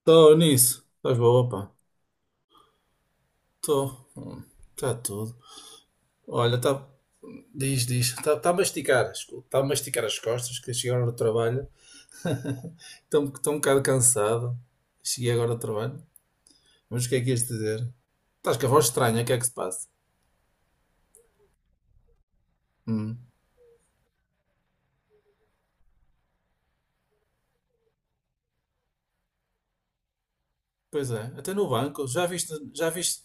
Estou nisso. Estás boa, pá. Estou. Está tudo. Olha, está. Diz, diz. Está tá a masticar. Está a masticar as costas, que cheguei agora do trabalho. Estou um bocado cansado. Cheguei agora do trabalho. Mas o que é que ias dizer? Estás com a voz estranha, o que é que se passa? Hum. Pois é, até no banco. Já viste,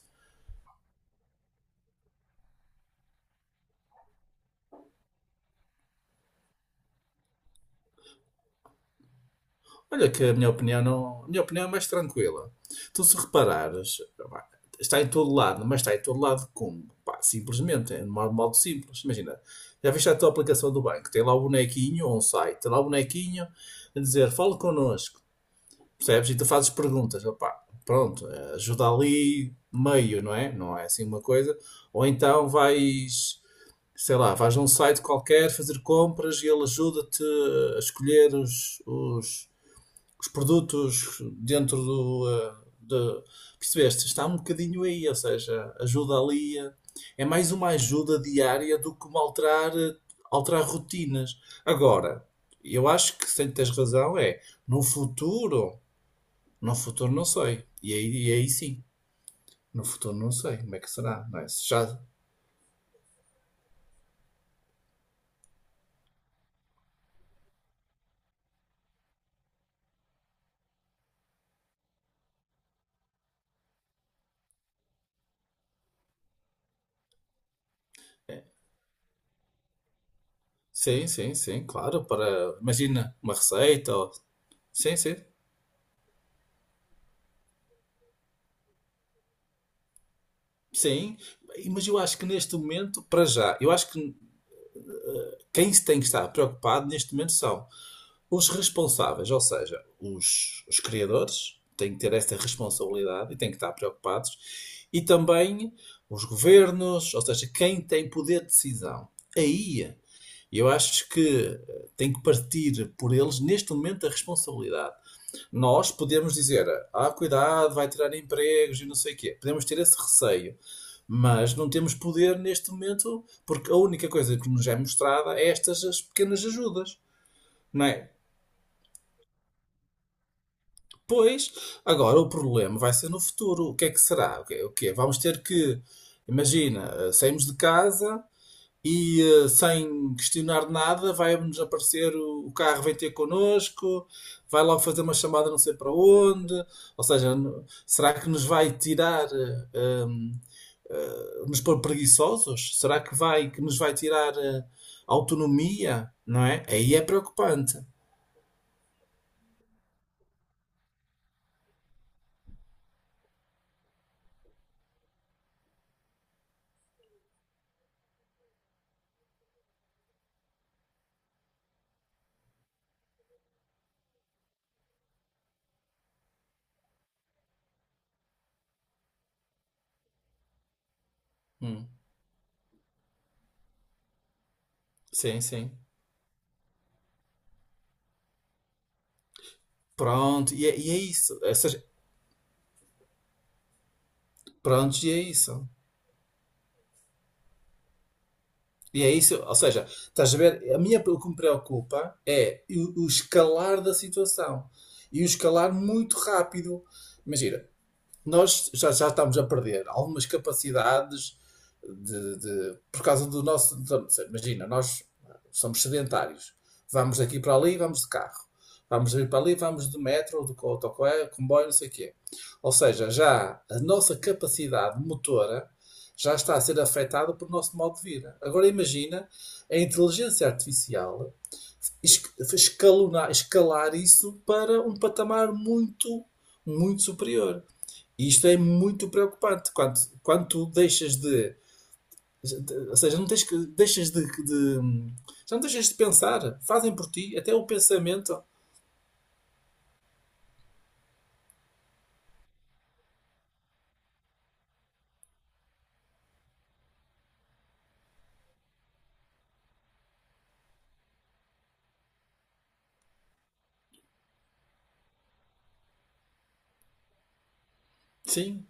olha que a minha opinião não, a minha opinião é mais tranquila. Tu se reparares, pá, está em todo lado, mas está em todo lado como? Pá, simplesmente, é de modo simples. Imagina, já viste a tua aplicação do banco, tem lá o bonequinho ou um site, tem lá o bonequinho a dizer, fala connosco, percebes? E tu fazes perguntas, opá, pronto, ajuda ali meio, não é? Não é assim uma coisa. Ou então vais, sei lá, vais a um site qualquer fazer compras e ele ajuda-te a escolher os produtos dentro do. eh, De, percebeste? Está um bocadinho aí, ou seja, ajuda ali. É mais uma ajuda diária do que uma alterar rotinas. Agora, eu acho que se tens razão, é no futuro, no futuro não sei. E aí, sim, no futuro não sei como é que será, não é? Se já. Sim, sim, sim, claro, para, imagina, uma receita, ou, sim, sim, sim, mas eu acho que neste momento, para já, eu acho que quem se tem que estar preocupado neste momento são os responsáveis, ou seja, os criadores têm que ter esta responsabilidade e têm que estar preocupados, e também os governos, ou seja, quem tem poder de decisão. Aí eu acho que tem que partir por eles neste momento a responsabilidade. Nós podemos dizer, ah, cuidado, vai tirar empregos e não sei o quê. Podemos ter esse receio. Mas não temos poder neste momento, porque a única coisa que nos é mostrada é estas as pequenas ajudas, não é? Pois, agora o problema vai ser no futuro. O que é que será? O que é? O que é? Vamos ter que, imagina, saímos de casa e sem questionar nada vai-nos aparecer o carro vem ter connosco, vai logo fazer uma chamada não sei para onde. Ou seja, será que nos vai tirar eh, hum, nos pôr preguiçosos? Será que vai que nos vai tirar autonomia? Não é? Aí é preocupante. Hum, Sim, sim. Pronto, e é isso. Ou seja, pronto, e é isso. E é isso, ou seja, estás a ver, a minha, o que me preocupa é o escalar da situação. E o escalar muito rápido. Imagina, nós já estamos a perder algumas capacidades de- por causa do nosso. Então, imagina, nós somos sedentários. Vamos daqui para ali, vamos de carro. Vamos vir para ali, vamos de metro, ou de autocarro, comboio, não sei o quê. Ou seja, já a nossa capacidade motora já está a ser afetada pelo nosso modo de vida. Agora imagina a inteligência artificial es- escalonar, escalar isso para um patamar muito, muito superior. E isto é muito preocupante quando, quando tu deixas de- ou seja, não tens que, deixas de já não deixas de pensar, fazem por ti, até o pensamento, sim,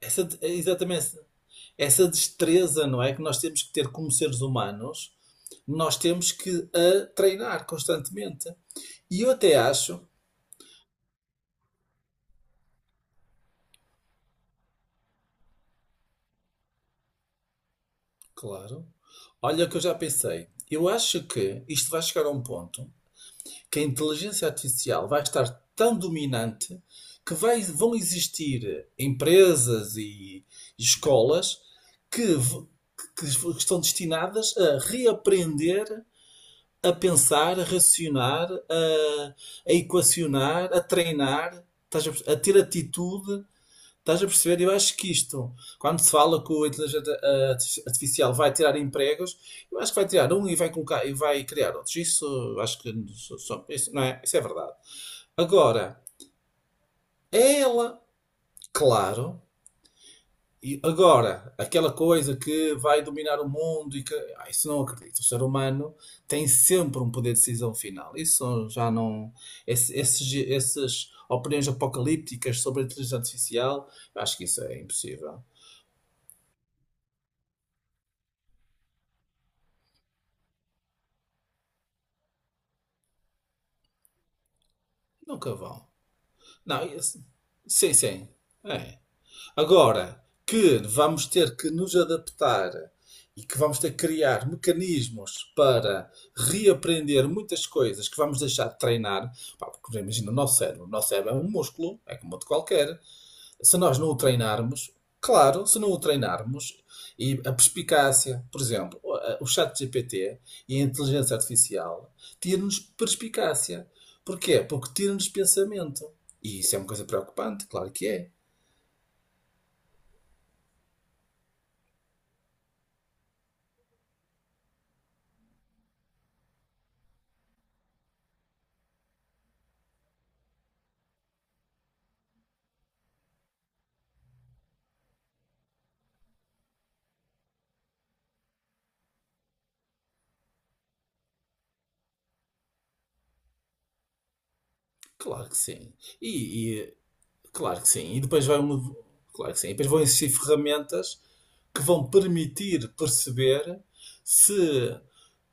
essa, é exatamente essa, essa destreza, não é? Que nós temos que ter como seres humanos, nós temos que a treinar constantemente. E eu até acho, claro, olha o que eu já pensei, eu acho que isto vai chegar a um ponto que a inteligência artificial vai estar tão dominante que vão existir empresas e escolas que, que estão destinadas a reaprender a pensar, a racionar, a equacionar, a treinar, a ter atitude. Estás a perceber? Eu acho que isto, quando se fala que o inteligência artificial vai tirar empregos, eu acho que vai tirar um e vai colocar e vai criar outros. Isso acho que isso não é, isso é verdade. Agora, é ela, claro, e agora, aquela coisa que vai dominar o mundo e que isso não acredito. O ser humano tem sempre um poder de decisão final. Isso já não. Essas opiniões apocalípticas sobre a inteligência artificial, eu acho que isso é impossível. Nunca vão. Não, sim, sim. É. Agora que vamos ter que nos adaptar e que vamos ter que criar mecanismos para reaprender muitas coisas que vamos deixar de treinar, pá, porque imagina o nosso cérebro é um músculo, é como outro qualquer. Se nós não o treinarmos, claro, se não o treinarmos, e a perspicácia, por exemplo, o chat GPT e a inteligência artificial tira-nos perspicácia. Porquê? Porque tira-nos pensamento. E isso é uma coisa preocupante, claro que é. Claro que sim. E, e- claro que sim. E depois vai um. Claro que sim. E depois vão existir ferramentas que vão permitir perceber se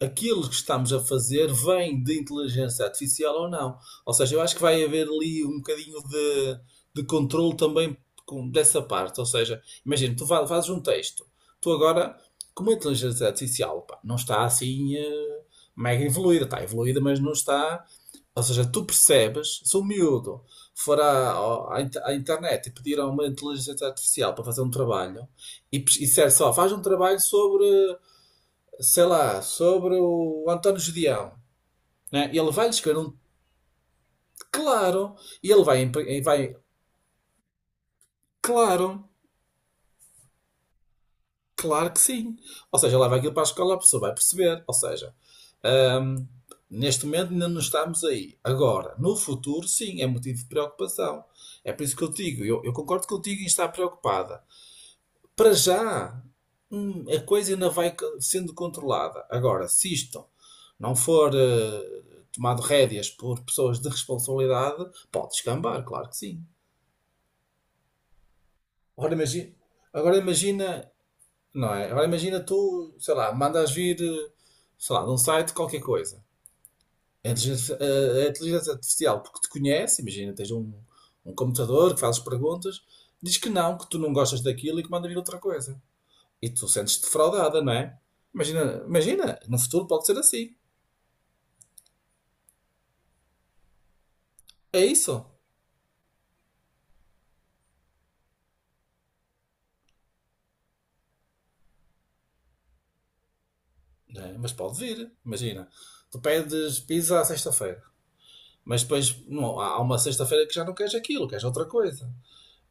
aquilo que estamos a fazer vem de inteligência artificial ou não. Ou seja, eu acho que vai haver ali um bocadinho de controle também dessa parte. Ou seja, imagina, tu fazes um texto, tu agora, como a inteligência artificial, pá, não está assim mega evoluída, está evoluída, mas não está. Ou seja, tu percebes, se o miúdo for à internet e pedir a uma inteligência artificial para fazer um trabalho, e disser só, faz um trabalho sobre, sei lá, sobre o António Judeão, né? Ele vai lhe escrever um, claro, e ele vai, e vai, claro, claro que sim. Ou seja, leva aquilo para a escola, a pessoa vai perceber. Ou seja, hum, neste momento ainda não estamos aí. Agora, no futuro, sim, é motivo de preocupação. É por isso que eu digo, eu concordo contigo em estar preocupada. Para já, a coisa ainda vai sendo controlada. Agora, se isto não for tomado rédeas por pessoas de responsabilidade, pode descambar, claro que sim. Agora imagina, agora imagina, não é? Agora imagina tu, sei lá, mandas vir, sei lá, de um site qualquer coisa. A inteligência artificial, porque te conhece, imagina, tens um computador que fazes perguntas, diz que não, que tu não gostas daquilo e que manda vir outra coisa. E tu sentes-te defraudada, não é? Imagina, imagina, no futuro pode ser assim. É isso. Não é? Mas pode vir. Imagina, tu pedes pizza à sexta-feira, mas depois não, há uma sexta-feira que já não queres aquilo, queres outra coisa.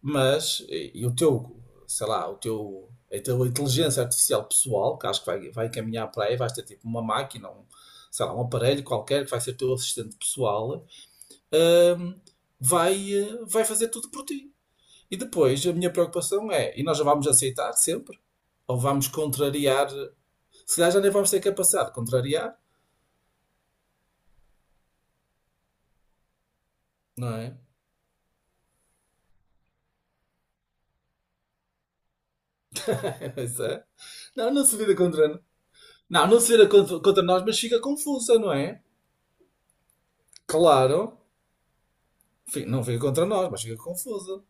Mas, e o teu, sei lá, o teu, a tua inteligência artificial pessoal, que acho que vai caminhar para aí, vais ter tipo uma máquina, um, sei lá, um aparelho qualquer que vai ser teu assistente pessoal, hum, vai fazer tudo por ti. E depois a minha preocupação é, e nós já vamos aceitar sempre, ou vamos contrariar, se calhar já nem vamos ter capacidade de contrariar, não é? Pois é. Não, não se vira contra nós. Não, não se vira contra nós, mas fica confusa, não é? Claro, não fica contra nós, mas fica confusa.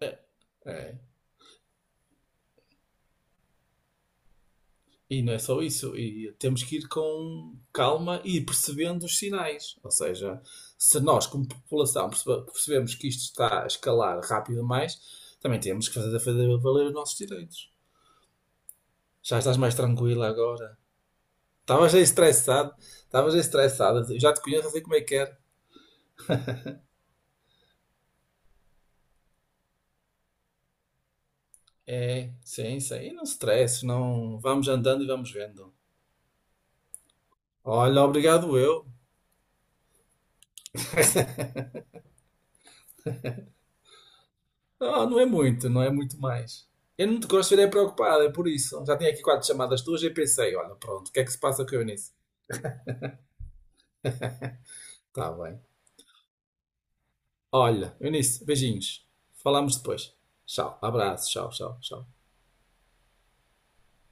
É. É. E não é só isso, e temos que ir com calma e ir percebendo os sinais. Ou seja, se nós, como população, percebemos que isto está a escalar rápido demais, também temos que fazer valer os nossos direitos. Já estás mais tranquila agora? Estavas aí estressado, estavas aí estressada, eu já te conheço, eu sei como é que é. É, sim, sim, e não se estresse, não, vamos andando e vamos vendo. Olha, obrigado eu. Ah, não é muito, não é muito mais. Eu não te gosto de ver preocupado, é por isso. Já tinha aqui quatro chamadas tuas e pensei, olha, pronto, o que é que se passa com a Eunice? Tá bem. Olha, Eunice, beijinhos. Falamos depois. Tchau, abraço, tchau, tchau, tchau.